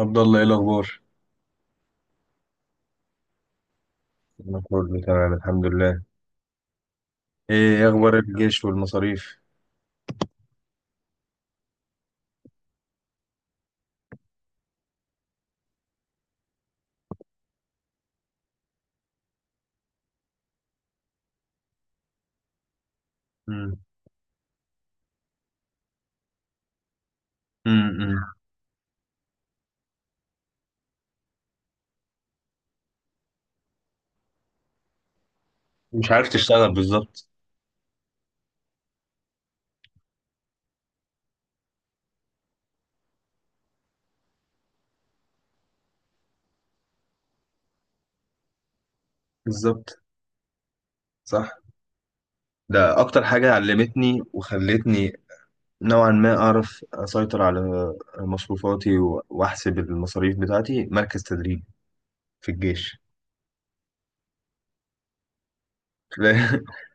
عبد الله، ايه الاخبار؟ أنا كله تمام، الحمد لله. إيه أخبار الجيش والمصاريف؟ امم. امم. مش عارف تشتغل بالظبط. بالظبط، صح. ده أكتر حاجة علمتني وخلتني نوعا ما أعرف أسيطر على مصروفاتي و- وأحسب المصاريف بتاعتي مركز تدريب في الجيش. لا،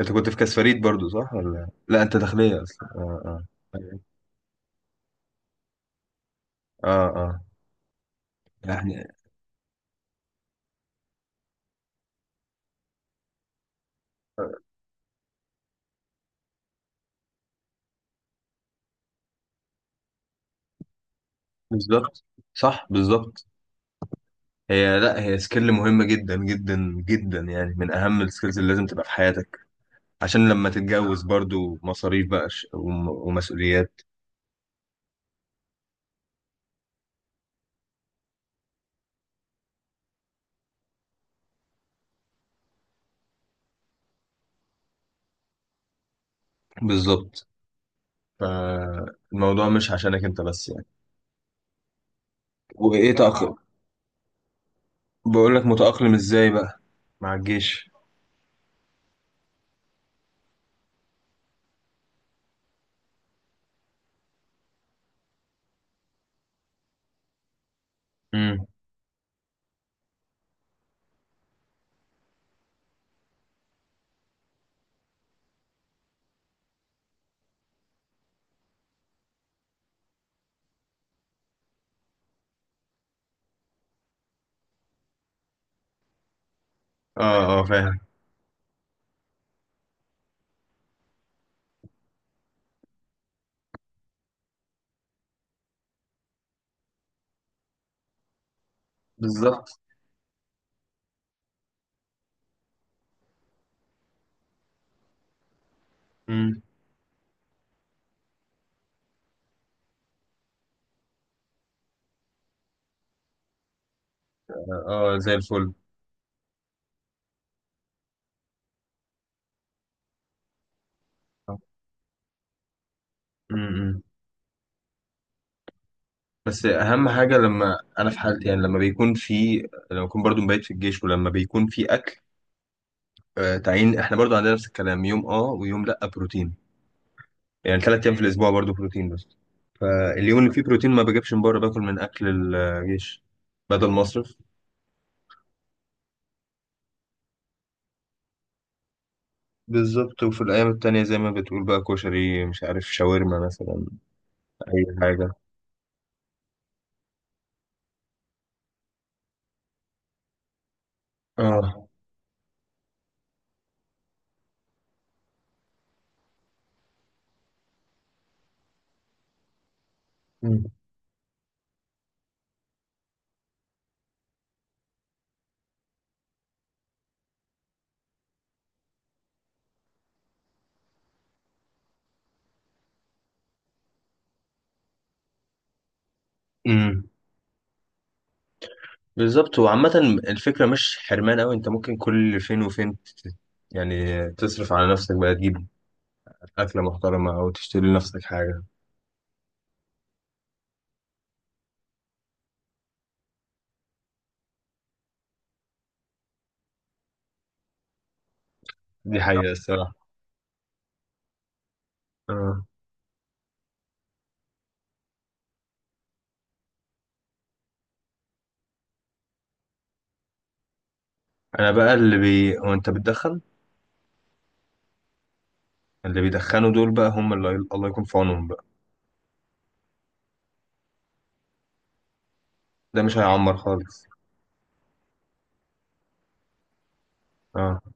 أنت كنت في كاس فريد برضو صح ولا لا؟ أنت داخلية أصلا؟ آه. آه. آه. آه. يعني بالظبط، صح، بالظبط. هي لا، هي سكيل مهمة جدا جدا جدا، يعني من أهم السكيلز اللي لازم تبقى في حياتك عشان لما تتجوز برضو مصاريف بقى، ش- وم- ومسؤوليات. بالظبط، فالموضوع مش عشانك أنت بس يعني. وإيه تأقلم؟ بقول لك، متأقلم إزاي بقى مع الجيش؟ امم. اه، اه، فاهم. بالظبط. امم. اه، زي الفل. امم. بس اهم حاجه، لما انا في حالتي، يعني لما بيكون في، لما بكون برضو مبيت في الجيش ولما بيكون في اكل، آه، تعيين، احنا برضو عندنا نفس الكلام، يوم اه ويوم لا بروتين، يعني ثلاث ايام في الاسبوع برضو بروتين بس. فاليوم اللي فيه بروتين ما بجيبش من بره، باكل من اكل الجيش بدل مصرف. بالظبط، وفي الايام التانية زي ما بتقول بقى كشري، مش عارف، شاورما مثلا، اي حاجة. اه. مم. مم. بالظبط. وعامة الفكرة مش حرمان أوي، أنت ممكن كل فين وفين يعني تصرف على نفسك بقى، تجيب أكلة محترمة أو تشتري لنفسك حاجة. دي حقيقة الصراحة. انا بقى اللي بي هو، انت بتدخن؟ اللي بيدخنوا دول بقى هم اللي الله يكون في عونهم بقى. ده مش هيعمر خالص. اه،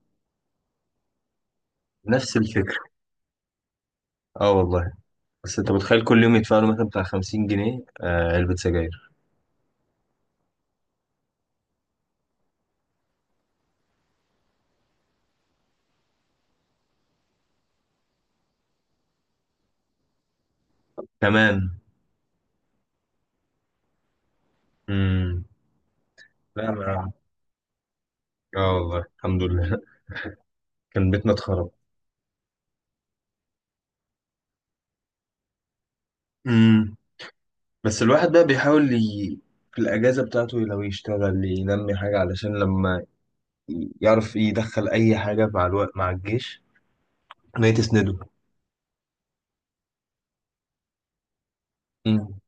نفس الفكرة. اه والله. بس انت متخيل كل يوم يدفعوا له مثلا بتاع 50 جنيه؟ آه، علبة سجاير كمان. امم. لا. ما، اه والله، الحمد لله كان بيتنا اتخرب. امم. بس الواحد بقى بيحاول في الأجازة بتاعته لو يشتغل ينمي حاجة، علشان لما يعرف يدخل أي حاجة مع الوقت مع الجيش ما تسنده. امم.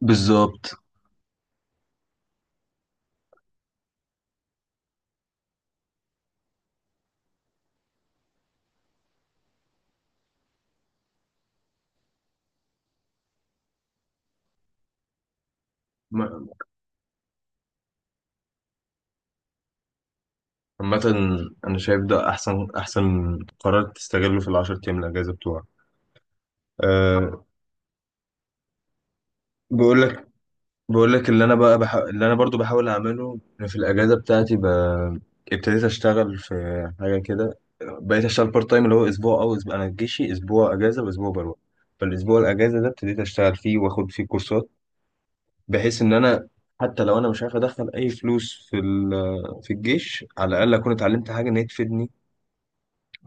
بالظبط. عامة أنا شايف ده أحسن، أحسن قرار تستغله في العشر أيام الأجازة بتوعك. أه. بقول لك، بقول لك، اللي أنا بقى اللي أنا برضو بحاول أعمله، أنا في الأجازة بتاعتي ابتديت أشتغل في حاجة كده، بقيت أشتغل بارت تايم، اللي هو أسبوع أو أسبوع، أنا جيشي أسبوع أجازة وأسبوع بروح. فالأسبوع الأجازة ده ابتديت أشتغل فيه وآخد فيه كورسات، بحيث إن أنا، حتى لو أنا مش عارف أدخل أي فلوس في في الجيش، على الأقل أكون اتعلمت حاجة إن هي تفيدني،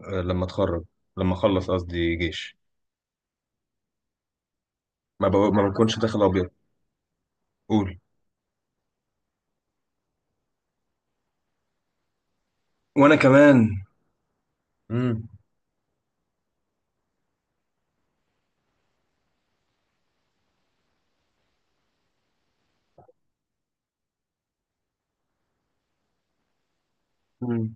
آه، لما أتخرج، لما أخلص قصدي جيش. ما بكونش داخل ابيض. قول. وانا كمان. امم. امم.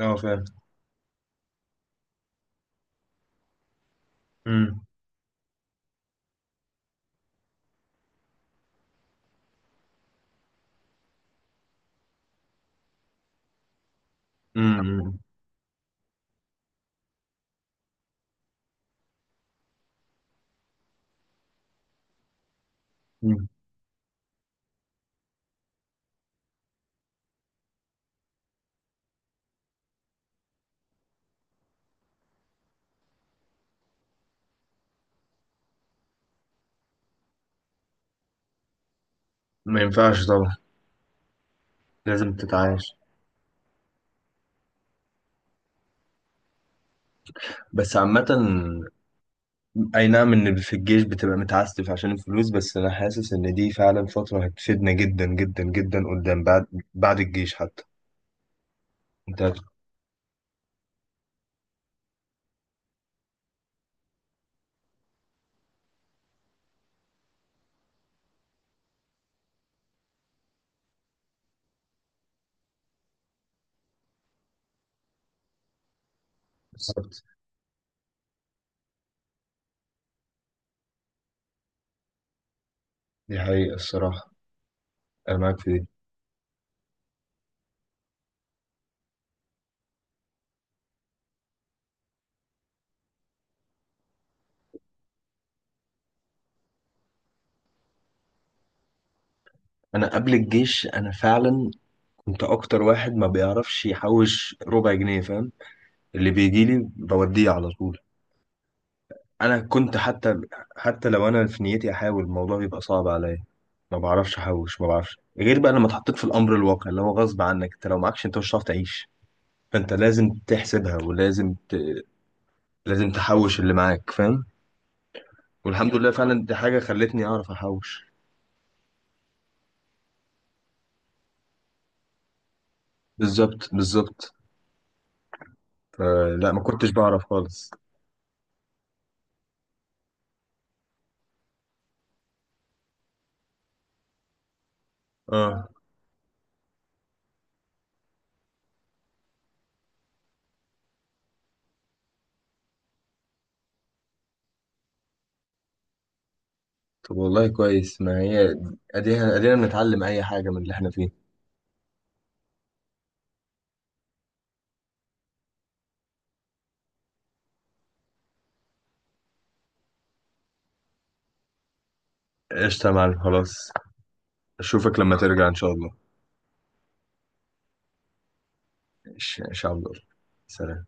اه، فاهم. امم. امم. أمم. ما ينفعش طبعا. لازم تتعايش. بس عامة، أي نعم إن في الجيش بتبقى متعسف عشان الفلوس، بس أنا حاسس إن دي فعلا فترة هتفيدنا جدا جدا جدا قدام، بعد الجيش حتى. أنت بالظبط. دي حقيقة الصراحة، أنا معاك في دي. أنا قبل الجيش أنا فعلا كنت أكتر واحد ما بيعرفش يحوش ربع جنيه، فاهم؟ اللي بيجيلي بوديه على طول. انا كنت حتى، لو انا في نيتي احاول، الموضوع بيبقى صعب عليا، ما بعرفش احوش، ما بعرفش غير بقى لما اتحطيت في الامر الواقع، اللي هو غصب عنك، انت لو معكش انت مش هتعرف تعيش. فانت لازم تحسبها ولازم لازم تحوش اللي معاك، فاهم؟ والحمد لله فعلا دي حاجه خلتني اعرف احوش. بالظبط، بالظبط. فلا، ما كنتش بعرف خالص. اه. طب والله كويس، ما هي ادينا، ادينا بنتعلم اي حاجه من اللي احنا فيه. قشطه يا معلم، خلاص. اشوفك لما ترجع ان شاء الله. ان شاء الله. سلام.